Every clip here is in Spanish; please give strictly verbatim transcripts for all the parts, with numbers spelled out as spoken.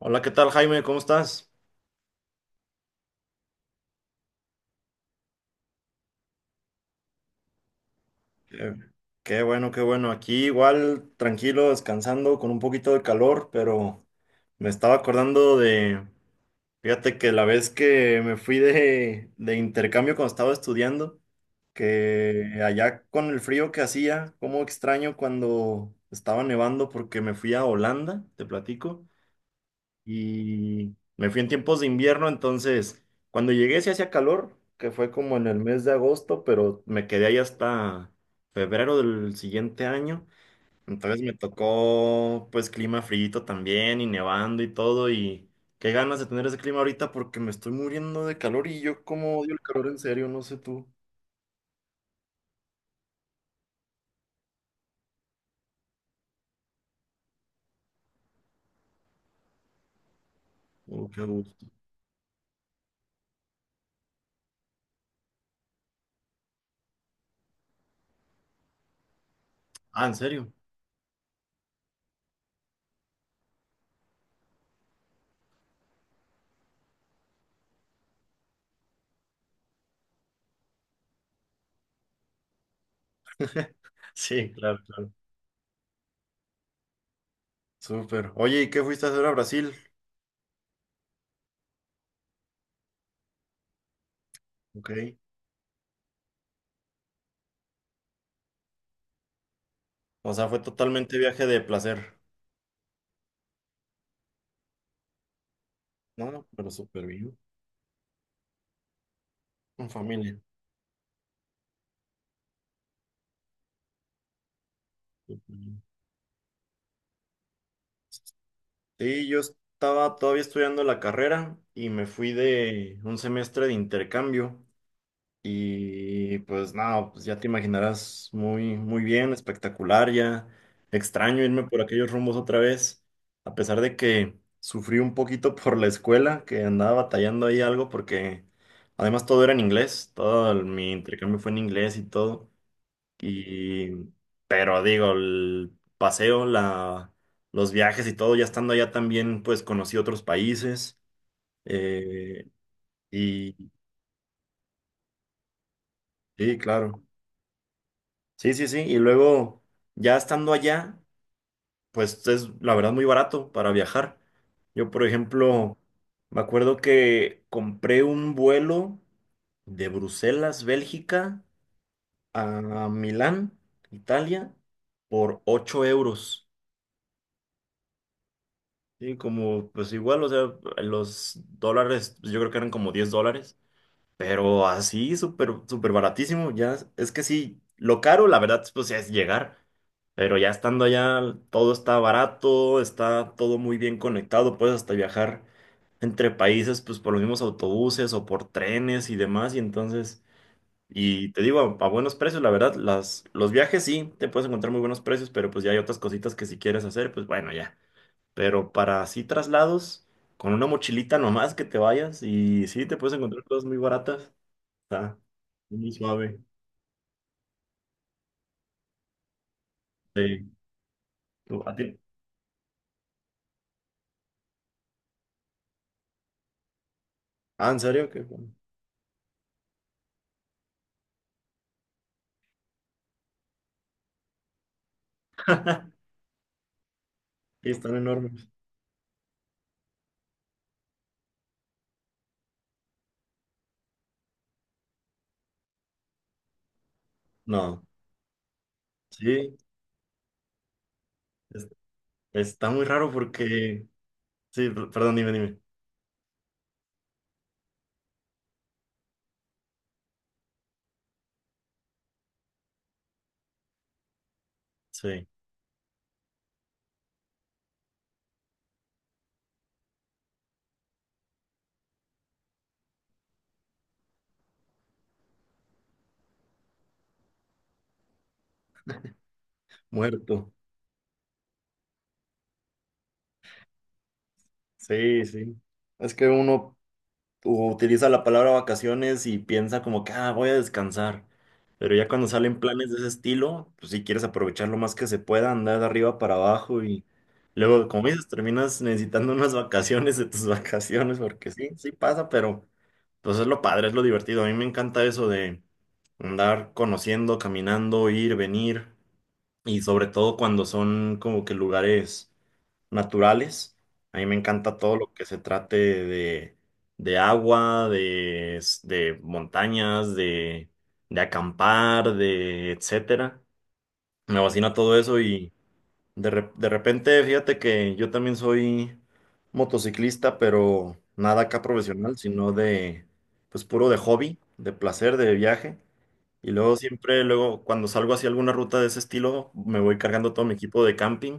Hola, ¿qué tal, Jaime? ¿Cómo estás? Eh, Qué bueno, qué bueno. Aquí igual tranquilo, descansando, con un poquito de calor, pero me estaba acordando de, fíjate que la vez que me fui de, de intercambio cuando estaba estudiando, que allá con el frío que hacía, cómo extraño cuando estaba nevando porque me fui a Holanda, te platico. Y me fui en tiempos de invierno, entonces cuando llegué sí hacía calor, que fue como en el mes de agosto, pero me quedé ahí hasta febrero del siguiente año. Entonces me tocó pues clima frío también y nevando y todo y qué ganas de tener ese clima ahorita porque me estoy muriendo de calor y yo como odio el calor, en serio, no sé tú. Oh, qué gusto. Ah, ¿en serio? Sí, claro, claro. Súper. Oye, ¿y qué fuiste a hacer a Brasil? Ok. O sea, fue totalmente viaje de placer. No, pero súper bien, con familia. Súper bien. Sí, yo estaba todavía estudiando la carrera y me fui de un semestre de intercambio y pues nada, pues ya te imaginarás muy, muy bien, espectacular, ya extraño irme por aquellos rumbos otra vez, a pesar de que sufrí un poquito por la escuela, que andaba batallando ahí algo porque además todo era en inglés, todo el- mi intercambio fue en inglés y todo. Y pero digo, el paseo, la, los viajes y todo, ya estando allá también, pues conocí otros países. eh, y sí, claro. Sí, sí, sí. Y luego, ya estando allá, pues es la verdad muy barato para viajar. Yo, por ejemplo, me acuerdo que compré un vuelo de Bruselas, Bélgica, a Milán, Italia, por ocho euros. Sí, como, pues igual, o sea, los dólares, pues, yo creo que eran como diez dólares, pero así, súper, súper baratísimo, ya, es que sí, lo caro, la verdad, pues es llegar, pero ya estando allá, todo está barato, está todo muy bien conectado, puedes hasta viajar entre países, pues por los mismos autobuses o por trenes y demás, y entonces, y te digo, a, a buenos precios, la verdad, las, los viajes sí, te puedes encontrar muy buenos precios, pero pues ya hay otras cositas que si quieres hacer, pues bueno, ya. Pero para así traslados, con una mochilita nomás que te vayas y sí, te puedes encontrar cosas muy baratas. Está muy suave. Sí. ¿Tú- a ti- ah, ¿en serio? Qué bueno. Sí, están enormes. No, sí, es- está muy raro porque... Sí, per- perdón, dime, dime. Sí, muerto. Sí, sí. Es que uno o utiliza la palabra vacaciones y piensa como que, ah, voy a descansar. Pero ya cuando salen planes de ese estilo, pues si quieres aprovechar lo más que se pueda, andar de arriba para abajo y luego, como dices, terminas necesitando unas vacaciones de tus vacaciones, porque sí, sí pasa, pero pues es lo padre, es lo divertido. A mí me encanta eso de andar conociendo, caminando, ir, venir y sobre todo cuando son como que lugares naturales. A mí me encanta todo lo que se trate de, de agua, de, s- de montañas, de, de acampar, de etcétera. Me fascina todo eso y de, re- de repente, fíjate que yo también soy motociclista, pero nada acá profesional, sino de, pues puro de hobby, de placer, de viaje. Y luego siempre, luego cuando salgo hacia alguna ruta de ese estilo, me voy cargando todo mi equipo de camping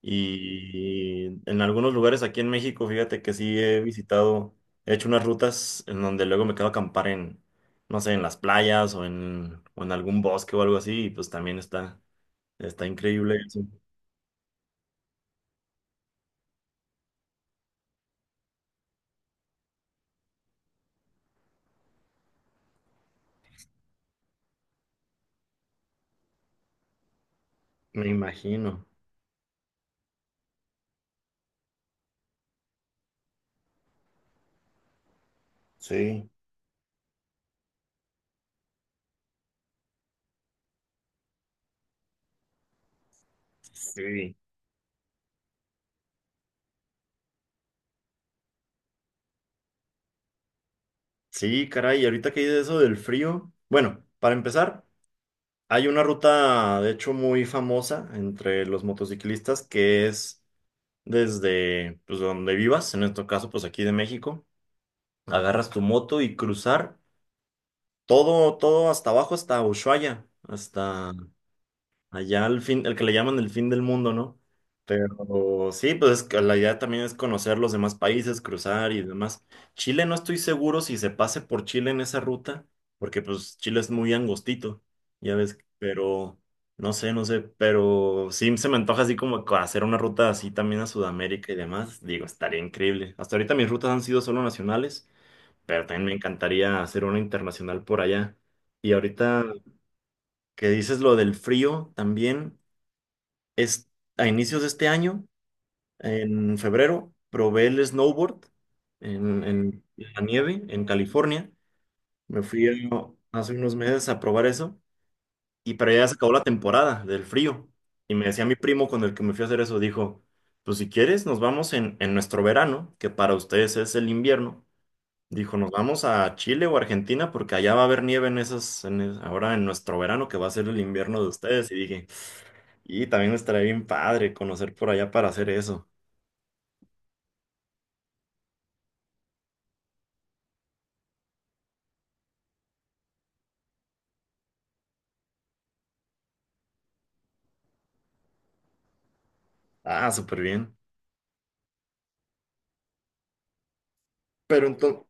y en algunos lugares aquí en México, fíjate que sí he visitado, he hecho unas rutas en donde luego me quedo a acampar en, no sé, en las playas o en, o en algún bosque o algo así, y pues también está, está increíble eso. Me imagino. Sí, sí. Sí, caray, y ahorita que dices eso del frío, bueno, para empezar, hay una ruta, de hecho, muy famosa entre los motociclistas que es desde, pues, donde vivas, en este caso, pues aquí de México agarras tu moto y cruzar todo, todo hasta abajo, hasta Ushuaia, hasta allá al fin, el que le llaman el fin del mundo, ¿no? Pero sí, pues es que la idea también es conocer los demás países, cruzar y demás. Chile no estoy seguro si se pase por Chile en esa ruta, porque pues Chile es muy angostito, ya ves, pero no sé, no sé, pero sí se me antoja así como co- hacer una ruta así también a Sudamérica y demás. Digo, estaría increíble. Hasta ahorita mis rutas han sido solo nacionales pero también me encantaría hacer una internacional por allá. Y ahorita que dices lo del frío, también es a inicios de este año, en febrero, probé el snowboard en, en la nieve en California. Me fui a- hace unos meses a probar eso y para allá se acabó la temporada del frío. Y me decía mi primo con el que me fui a hacer eso, dijo, pues si quieres nos vamos en, en nuestro verano, que para ustedes es el invierno. Dijo, nos vamos a Chile o Argentina porque allá va a haber nieve en esas, en es- ahora en nuestro verano que va a ser el invierno de ustedes. Y dije, y también estaría bien padre conocer por allá para hacer eso. Ah, súper bien. Pero entonces,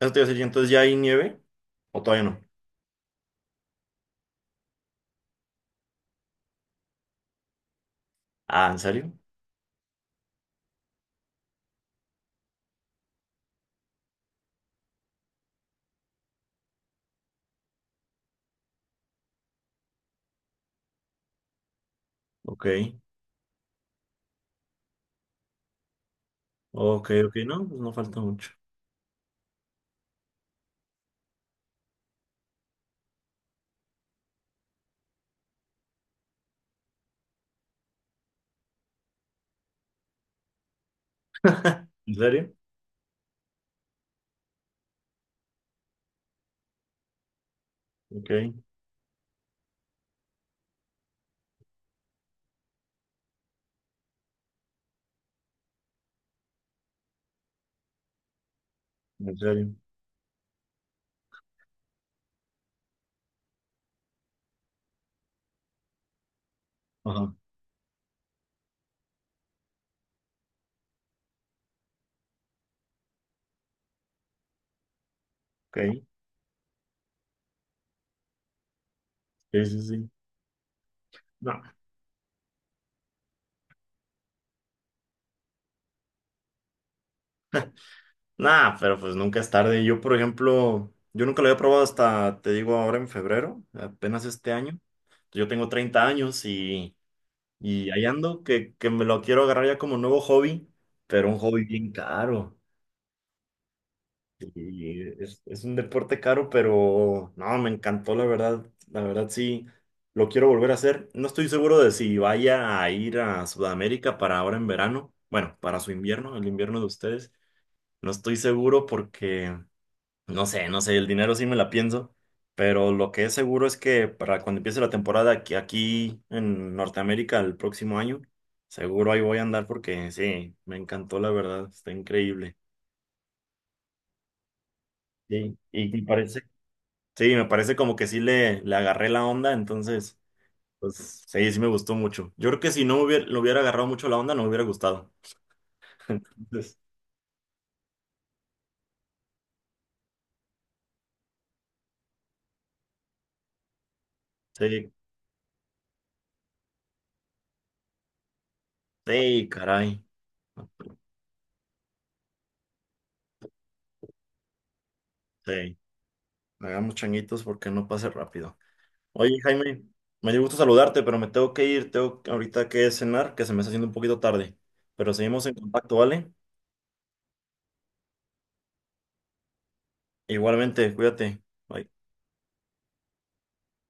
eso te iba a decir, entonces ya hay nieve o todavía no. Ah, ¿en serio? Ok, ok, ok, no, pues no falta mucho. ¿En serio? Ok, en serio. Ajá, ok, sí, sí, sí. No. Nah, pero pues nunca es tarde. Yo, por ejemplo, yo nunca lo había probado hasta, te digo, ahora en febrero, apenas este año. Yo tengo treinta años y, y ahí ando, que, que me lo quiero agarrar ya como nuevo hobby, pero un hobby bien caro. Y es, es un deporte caro, pero no, me encantó, la verdad. La verdad sí, lo quiero volver a hacer. No estoy seguro de si vaya a ir a Sudamérica para ahora en verano. Bueno, para su invierno, el invierno de ustedes. No estoy seguro porque... No sé, no sé, el dinero sí me la pienso, pero lo que es seguro es que para cuando empiece la temporada aquí, aquí en Norteamérica el próximo año, seguro ahí voy a andar porque sí, me encantó la verdad, está increíble. Sí, y me parece, sí, me parece como que sí le, le agarré la onda, entonces, pues sí, sí me gustó mucho. Yo creo que si no me hubiera, le hubiera agarrado mucho la onda, no me hubiera gustado. Entonces, sí, sí, caray, sí, hagamos changuitos porque no pase rápido. Oye, Jaime, me dio gusto saludarte, pero me tengo que ir, tengo que- ahorita que cenar, que se me está haciendo un poquito tarde. Pero seguimos en contacto, ¿vale? Igualmente, cuídate. Bye.